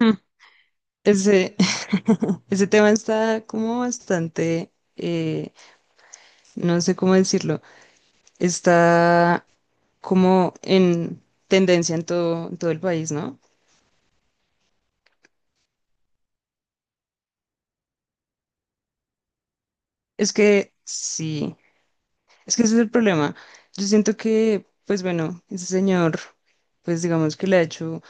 Mm, Ese, ese tema está como bastante, no sé cómo decirlo, está como en tendencia en todo el país, ¿no? Es que sí, es que ese es el problema. Yo siento que, pues bueno, ese señor, pues digamos que le ha hecho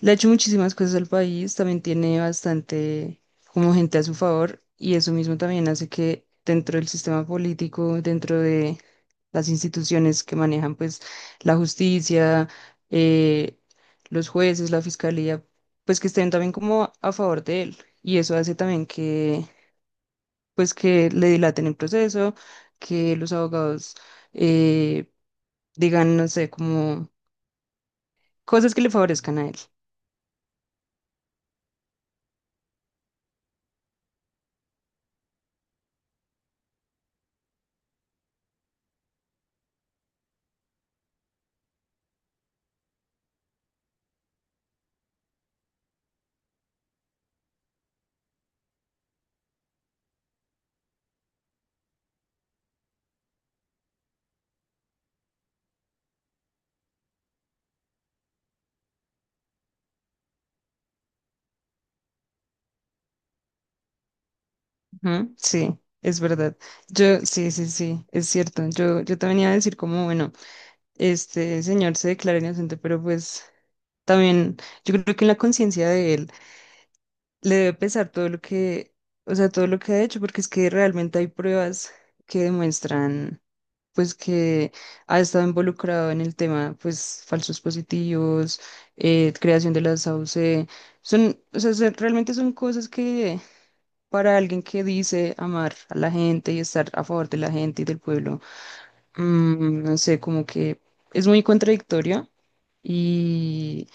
Le ha hecho muchísimas cosas al país, también tiene bastante como gente a su favor y eso mismo también hace que dentro del sistema político, dentro de las instituciones que manejan pues la justicia, eh, los jueces, la fiscalía, pues que estén también como a favor de él y eso hace también que pues que le dilaten el proceso, que los abogados eh, digan, no sé, como cosas que le favorezcan a él. Ujú. Sí, es verdad. Yo, sí, sí, sí, es cierto. Yo, también iba a decir como, bueno, este señor se declara inocente, pero pues también yo creo que en la conciencia de él le debe pesar todo lo que, o sea, todo lo que ha hecho, porque es que realmente hay pruebas que demuestran, pues, que ha estado involucrado en el tema, pues, falsos positivos, creación de las AUC, son, o sea, son- realmente son cosas que para alguien que dice amar a la gente y estar a favor de la gente y del pueblo, mm, no sé, como que es muy contradictoria y,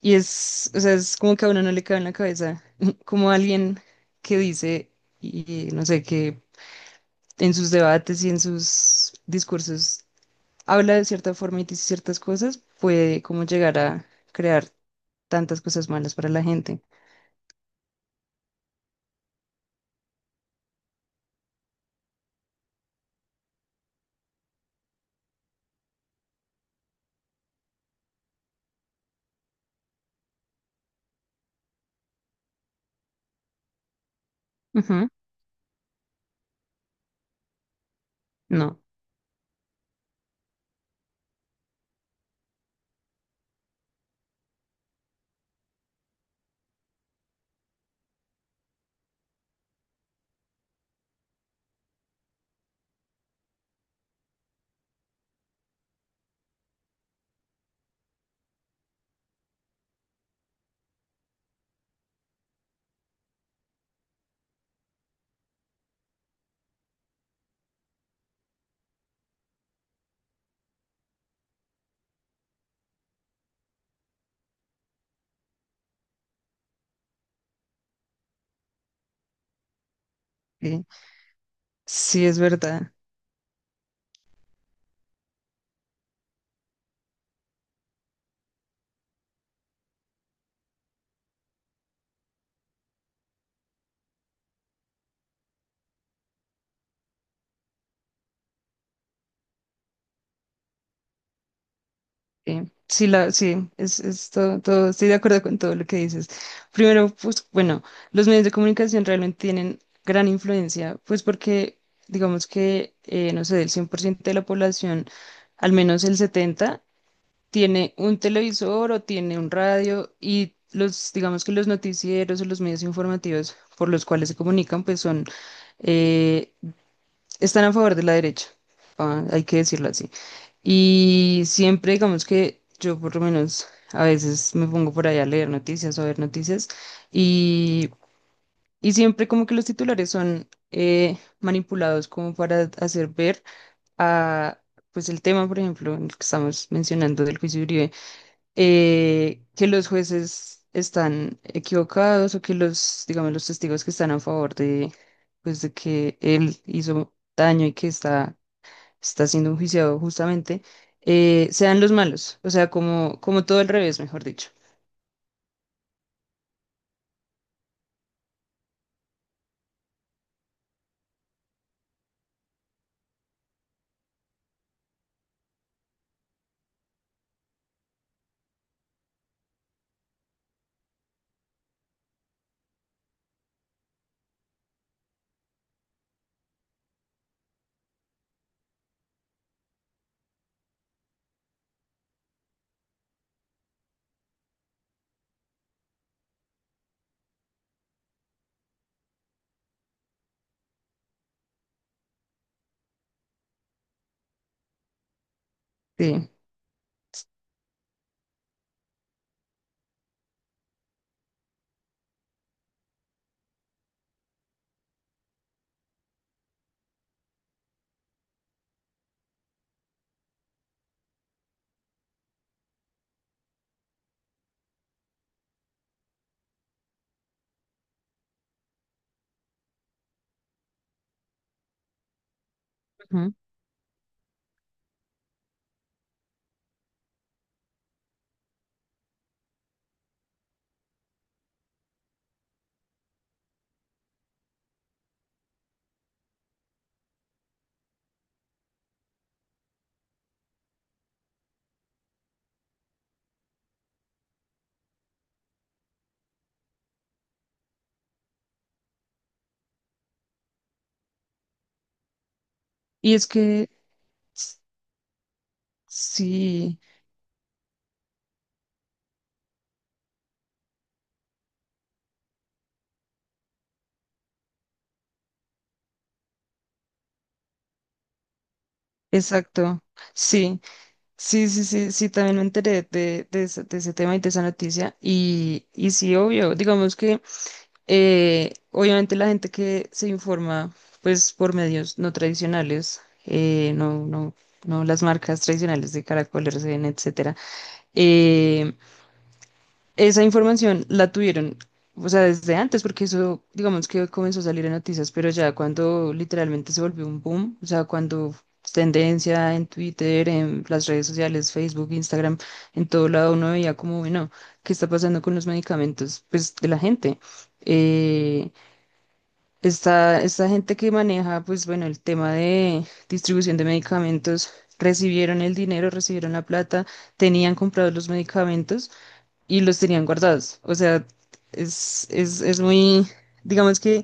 y es, o sea, es como que a uno no le cabe en la cabeza, como alguien que dice, y no sé, que en sus debates y en sus discursos habla de cierta forma y dice ciertas cosas, puede como llegar a crear tantas cosas malas para la gente. Ujú. No, sí, sí es verdad. Sí, sí, estoy de acuerdo con todo lo que dices. Primero, pues bueno, los medios de comunicación realmente tienen gran influencia, pues porque digamos que, no sé, del 100% de la población, al menos el 70, tiene un televisor o tiene un radio y los, digamos que los noticieros o los medios informativos por los cuales se comunican, pues son... eh, están a favor de la derecha, ah, hay que decirlo así. Y siempre, digamos que yo por lo menos a veces me pongo por ahí a leer noticias o a ver noticias y, y siempre como que los titulares son manipulados como para hacer ver a, pues el tema, por ejemplo, en el que estamos mencionando del juicio de Uribe, que los jueces están equivocados o que los, digamos, los testigos que están a favor de, pues de que él hizo daño y que está siendo enjuiciado justamente, sean los malos, o sea, como, como todo al revés, mejor dicho. Sí. Ujú. Y es que, s- sí, exacto, sí, sí, sí, sí, sí, también me enteré de ese tema y de esa noticia y sí, obvio, digamos que obviamente la gente que se informa pues por medios no tradicionales, no las marcas tradicionales de Caracol, RCN, etcétera, eh, Esa información la tuvieron, o sea, desde antes, porque eso, digamos que comenzó a salir en noticias, pero ya cuando literalmente se volvió un boom, o sea, cuando es tendencia en Twitter, en las redes sociales, Facebook, Instagram, en todo lado uno veía como, bueno, ¿qué está pasando con los medicamentos, pues, de la gente? Eh, esta gente que maneja, pues, bueno, el tema de distribución de medicamentos, recibieron el dinero, recibieron la plata, tenían comprados los medicamentos y los tenían guardados. O sea, es muy, digamos que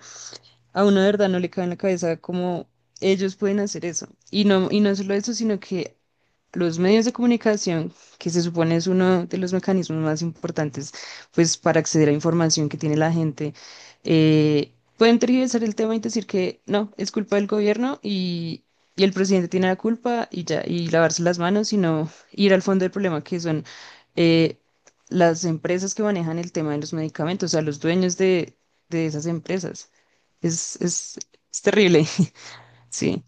a uno de verdad no le cabe en la cabeza cómo ellos pueden hacer eso. Y no solo eso, sino que los medios de comunicación, que se supone es uno de los mecanismos más importantes, pues para acceder a información que tiene la gente, eh, pueden tergiversar el tema y decir que no, es culpa del gobierno y el presidente tiene la culpa y ya, y lavarse las manos, sino ir al fondo del problema, que son eh, las empresas que manejan el tema de los medicamentos, o sea, los dueños de esas empresas. Es, es, es terrible. Sí.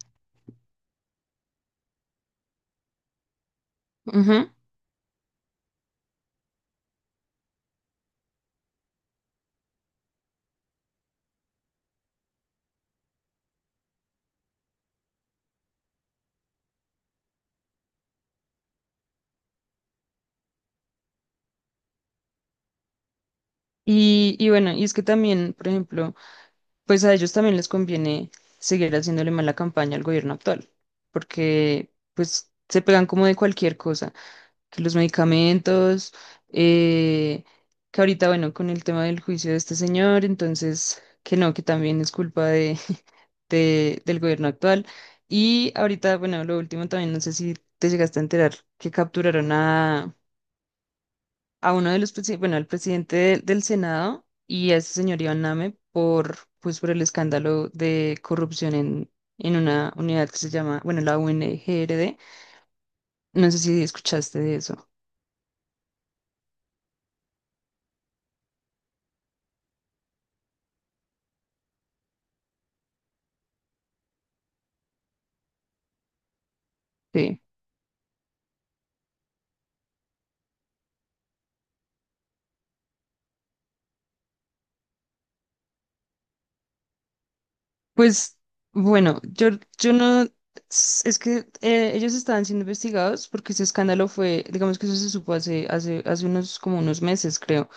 Ujú. Y bueno, y es que también, por ejemplo, pues a ellos también les conviene seguir haciéndole mala campaña al gobierno actual, porque pues se pegan como de cualquier cosa, que los medicamentos, eh, que ahorita, bueno, con el tema del juicio de este señor, entonces, que no, que también es culpa de, del gobierno actual. Y ahorita, bueno, lo último también, no sé si te llegaste a enterar que capturaron a uno de los, bueno, al presidente del Senado y a ese señor Iván Name por, pues, por el escándalo de corrupción en una unidad que se llama, bueno, la UNGRD. No sé si escuchaste de eso. Sí. Pues, bueno, yo no, es que ellos estaban siendo investigados porque ese escándalo fue, digamos que eso se supo hace, hace unos, como unos meses, creo.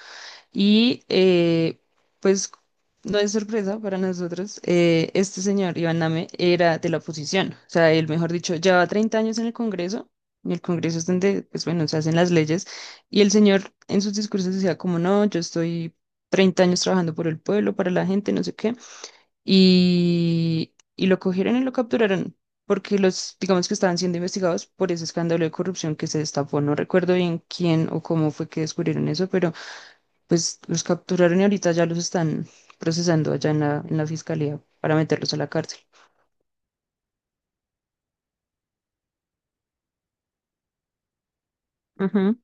Y pues no es sorpresa para nosotros, este señor Iván Name era de la oposición, o sea, él, mejor dicho, lleva 30 años en el Congreso, y el Congreso es donde, pues bueno, se hacen las leyes, y el señor en sus discursos decía como, no, yo estoy 30 años trabajando por el pueblo, para la gente, no sé qué, y lo cogieron y lo capturaron. Porque los, digamos que estaban siendo investigados por ese escándalo de corrupción que se destapó. No recuerdo bien quién o cómo fue que descubrieron eso, pero pues los capturaron y ahorita ya los están procesando allá en la fiscalía para meterlos a la cárcel. Ujú.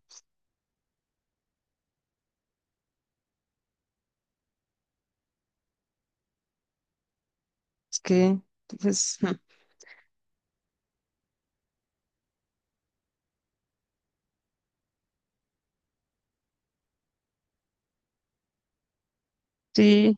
Es que, pues, sí,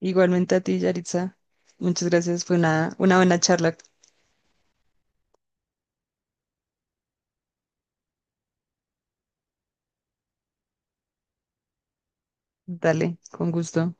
igualmente a ti, Yaritza. Muchas gracias, fue una buena charla. Dale, con gusto.